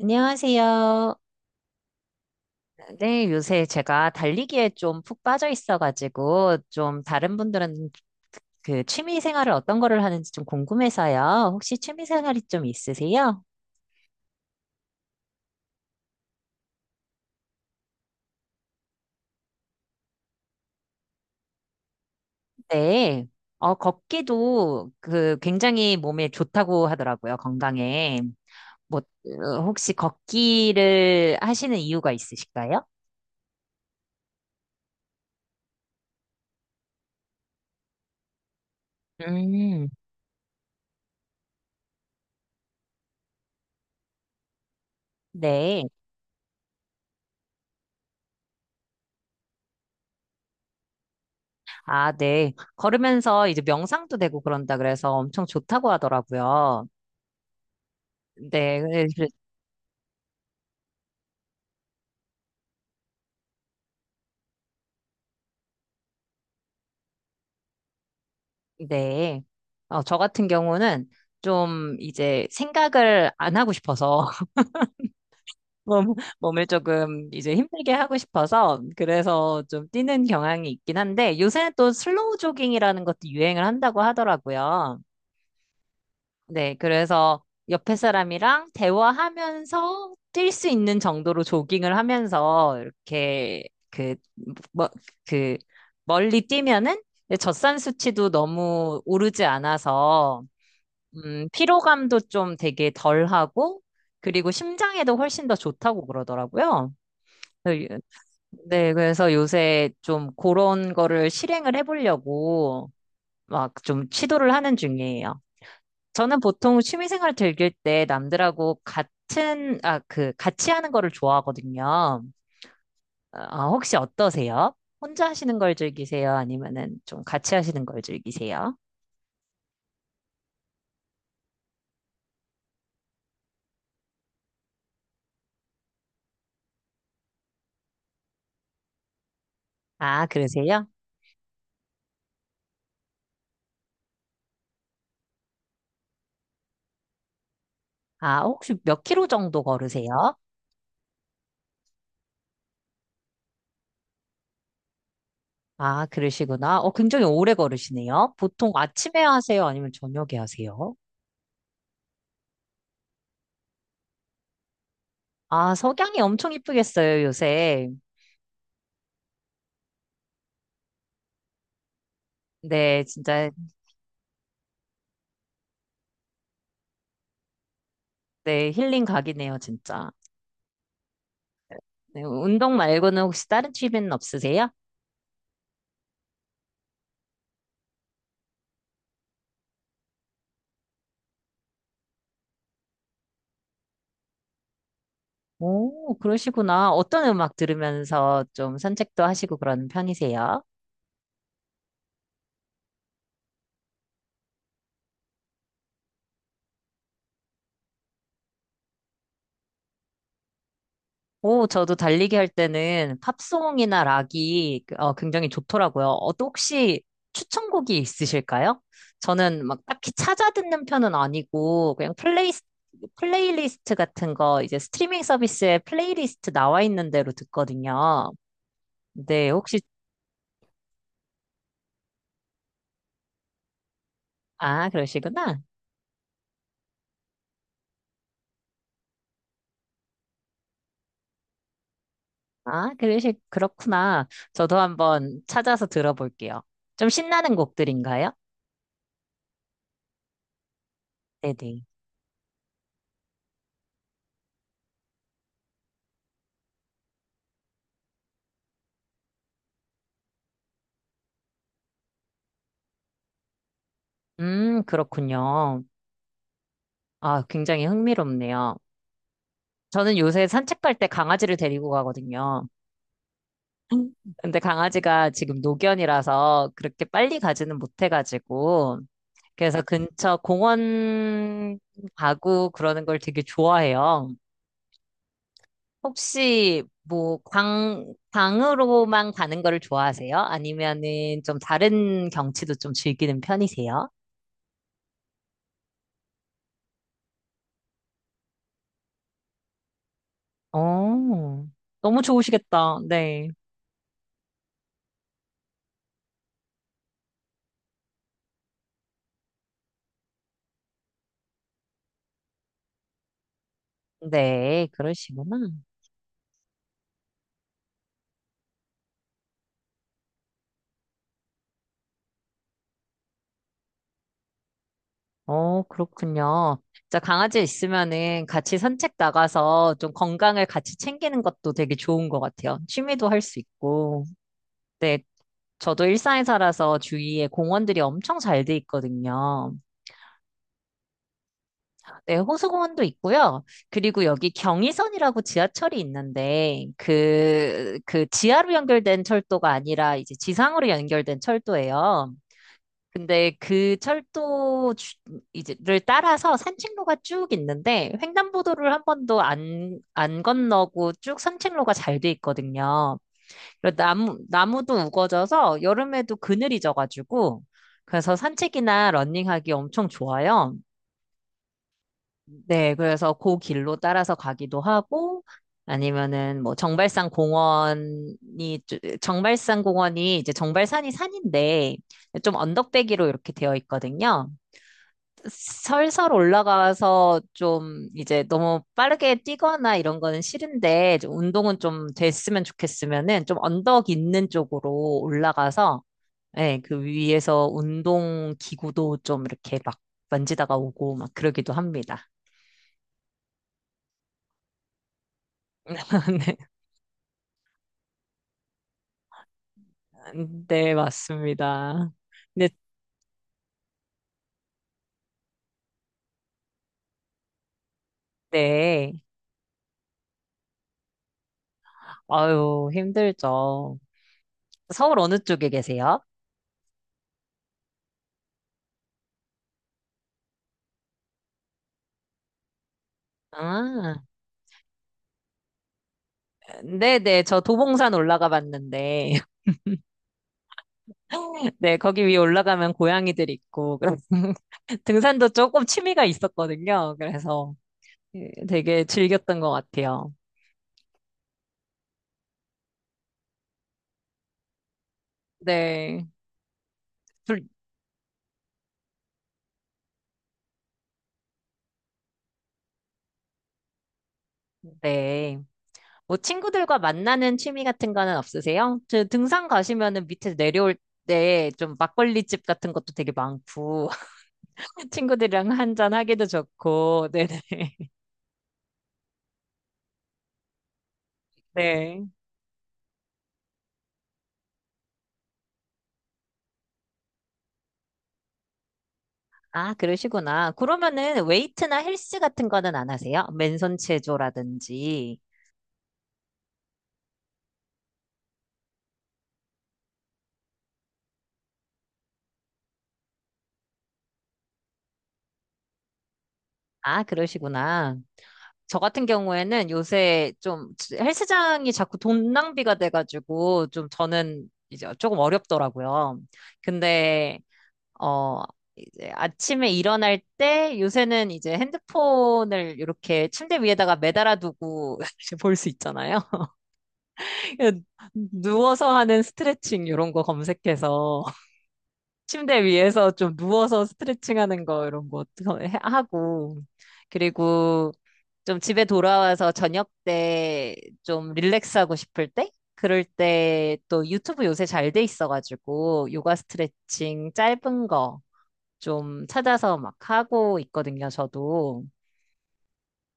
안녕하세요. 네, 요새 제가 달리기에 좀 푹 빠져 있어가지고, 좀 다른 분들은 그 취미 생활을 어떤 거를 하는지 좀 궁금해서요. 혹시 취미 생활이 좀 있으세요? 네. 걷기도 그 굉장히 몸에 좋다고 하더라고요, 건강에. 뭐, 혹시 걷기를 하시는 이유가 있으실까요? 음, 네. 아, 네. 걸으면서 이제 명상도 되고 그런다 그래서 엄청 좋다고 하더라고요. 네, 네. 저 같은 경우는 좀 이제 생각을 안 하고 싶어서 몸, 몸을 조금 이제 힘들게 하고 싶어서 그래서 좀 뛰는 경향이 있긴 한데 요새는 또 슬로우 조깅이라는 것도 유행을 한다고 하더라고요. 네, 그래서 옆에 사람이랑 대화하면서 뛸 수 있는 정도로 조깅을 하면서 이렇게 그, 뭐, 그 멀리 뛰면은 젖산 수치도 너무 오르지 않아서 피로감도 좀 되게 덜하고 그리고 심장에도 훨씬 더 좋다고 그러더라고요. 그래서 유- 네, 그래서 요새 좀 그런 거를 실행을 해보려고 막 좀 시도를 하는 중이에요. 저는 보통 취미생활 즐길 때 남들하고 같이 하는 거를 좋아하거든요. 혹시 어떠세요? 혼자 하시는 걸 즐기세요? 아니면은 좀 같이 하시는 걸 즐기세요? 아, 그러세요? 아, 혹시 몇 킬로 정도 걸으세요? 아, 그러시구나. 굉장히 오래 걸으시네요. 보통 아침에 하세요? 아니면 저녁에 하세요? 아, 석양이 엄청 이쁘겠어요, 요새. 네, 진짜. 네, 힐링 각이네요, 진짜. 네, 운동 말고는 혹시 다른 취미는 없으세요? 오, 그러시구나. 어떤 음악 들으면서 좀 산책도 하시고 그런 편이세요? 오, 저도 달리기 할 때는 팝송이나 락이 굉장히 좋더라고요. 또 혹시 추천곡이 있으실까요? 저는 막 딱히 찾아 듣는 편은 아니고 그냥 플레이리스트 같은 거 이제 스트리밍 서비스에 플레이리스트 나와 있는 대로 듣거든요. 네, 혹시. 아, 그러시구나. 아, 그렇구나. 저도 한번 찾아서 들어볼게요. 좀 신나는 곡들인가요? 네네. 그렇군요. 아, 굉장히 흥미롭네요. 저는 요새 산책 갈 때 강아지를 데리고 가거든요. 근데 강아지가 지금 노견이라서 그렇게 빨리 가지는 못해가지고, 그래서 근처 공원 가고 그러는 걸 되게 좋아해요. 혹시 뭐 강으로만 가는 거를 좋아하세요? 아니면은 좀 다른 경치도 좀 즐기는 편이세요? 어, 너무 좋으시겠다. 네. 네, 그러시구나. 그렇군요. 자 강아지 있으면은 같이 산책 나가서 좀 건강을 같이 챙기는 것도 되게 좋은 것 같아요. 취미도 할 수 있고. 네, 저도 일산에 살아서 주위에 공원들이 엄청 잘 돼 있거든요. 네, 호수공원도 있고요. 그리고 여기 경의선이라고 지하철이 있는데 그 지하로 연결된 철도가 아니라 이제 지상으로 연결된 철도예요. 근데 그 철도 이제를 따라서 산책로가 쭉 있는데 횡단보도를 한 번도 안 건너고 쭉 산책로가 잘 돼 있거든요. 그리고 나무도 우거져서 여름에도 그늘이 져가지고 그래서 산책이나 러닝하기 엄청 좋아요. 네, 그래서 그 길로 따라서 가기도 하고, 아니면은 뭐 정발산 공원이 이제 정발산이 산인데, 좀 언덕배기로 이렇게 되어 있거든요. 설설 올라가서 좀 이제 너무 빠르게 뛰거나 이런 거는 싫은데, 좀 운동은 좀 됐으면 좋겠으면은 좀 언덕 있는 쪽으로 올라가서, 예, 그 위에서 운동 기구도 좀 이렇게 막 만지다가 오고 막 그러기도 합니다. 네. 네, 맞습니다. 네, 네. 아유, 힘들죠. 서울 어느 쪽에 계세요? 아, 네네. 저 도봉산 올라가 봤는데, 네, 거기 위에 올라가면 고양이들 있고, 그래서 등산도 조금 취미가 있었거든요. 그래서 예, 되게 즐겼던 것 같아요. 네. 둘, 네. 뭐 친구들과 만나는 취미 같은 거는 없으세요? 저 등산 가시면은 밑에 내려올 때 좀 막걸리집 같은 것도 되게 많고, 친구들이랑 한잔 하기도 좋고, 네네. 네. 아, 그러시구나. 그러면은 웨이트나 헬스 같은 거는 안 하세요? 맨손 체조라든지. 아, 그러시구나. 저 같은 경우에는 요새 좀 헬스장이 자꾸 돈 낭비가 돼가지고 좀 저는 이제 조금 어렵더라고요. 근데, 어, 이제 아침에 일어날 때 요새는 이제 핸드폰을 이렇게 침대 위에다가 매달아 두고 볼 수 있잖아요. 누워서 하는 스트레칭 이런 거 검색해서 침대 위에서 좀 누워서 스트레칭 하는 거 이런 거 하고 그리고 좀 집에 돌아와서 저녁 때 좀 릴렉스하고 싶을 때 그럴 때 또 유튜브 요새 잘 돼 있어가지고 요가 스트레칭 짧은 거 좀 찾아서 막 하고 있거든요, 저도.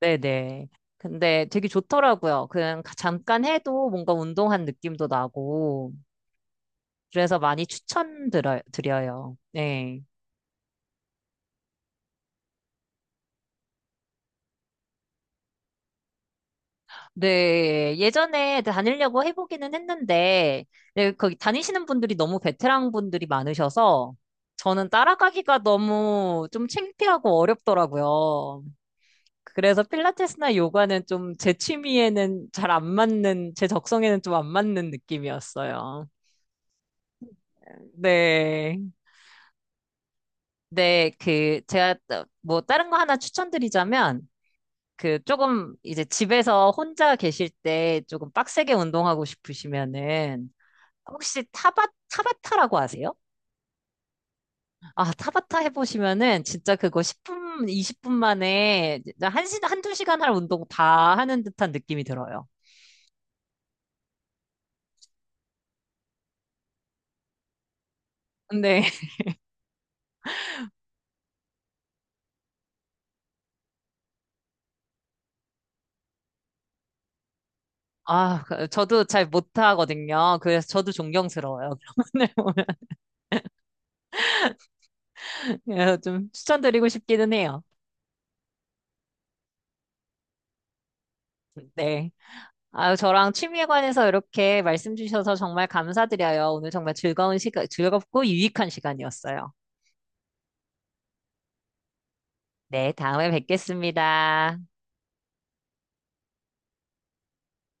네네. 근데 되게 좋더라고요. 그냥 잠깐 해도 뭔가 운동한 느낌도 나고. 그래서 많이 추천드려, 요 네. 네. 예전에 다니려고 해보기는 했는데, 네, 거기 다니시는 분들이 너무 베테랑 분들이 많으셔서, 저는 따라가기가 너무 좀 창피하고 어렵더라고요. 그래서 필라테스나 요가는 좀 제 취미에는 잘 안 맞는, 제 적성에는 좀 안 맞는 느낌이었어요. 네. 네, 제가 뭐 다른 거 하나 추천드리자면, 그 조금 이제 집에서 혼자 계실 때 조금 빡세게 운동하고 싶으시면은 혹시 타바타라고 아세요? 아, 타바타 해보시면은 진짜 그거 10분, 20분 만에 한두 시간 할 운동 다 하는 듯한 느낌이 들어요. 근데 아, 저도 잘 못하거든요. 그래서 저도 존경스러워요. 그런 분들 보면. 그래서 좀 추천드리고 싶기는 해요. 네. 아유, 저랑 취미에 관해서 이렇게 말씀 주셔서 정말 감사드려요. 오늘 정말 즐거운 시간, 즐겁고 유익한 시간이었어요. 네, 다음에 뵙겠습니다.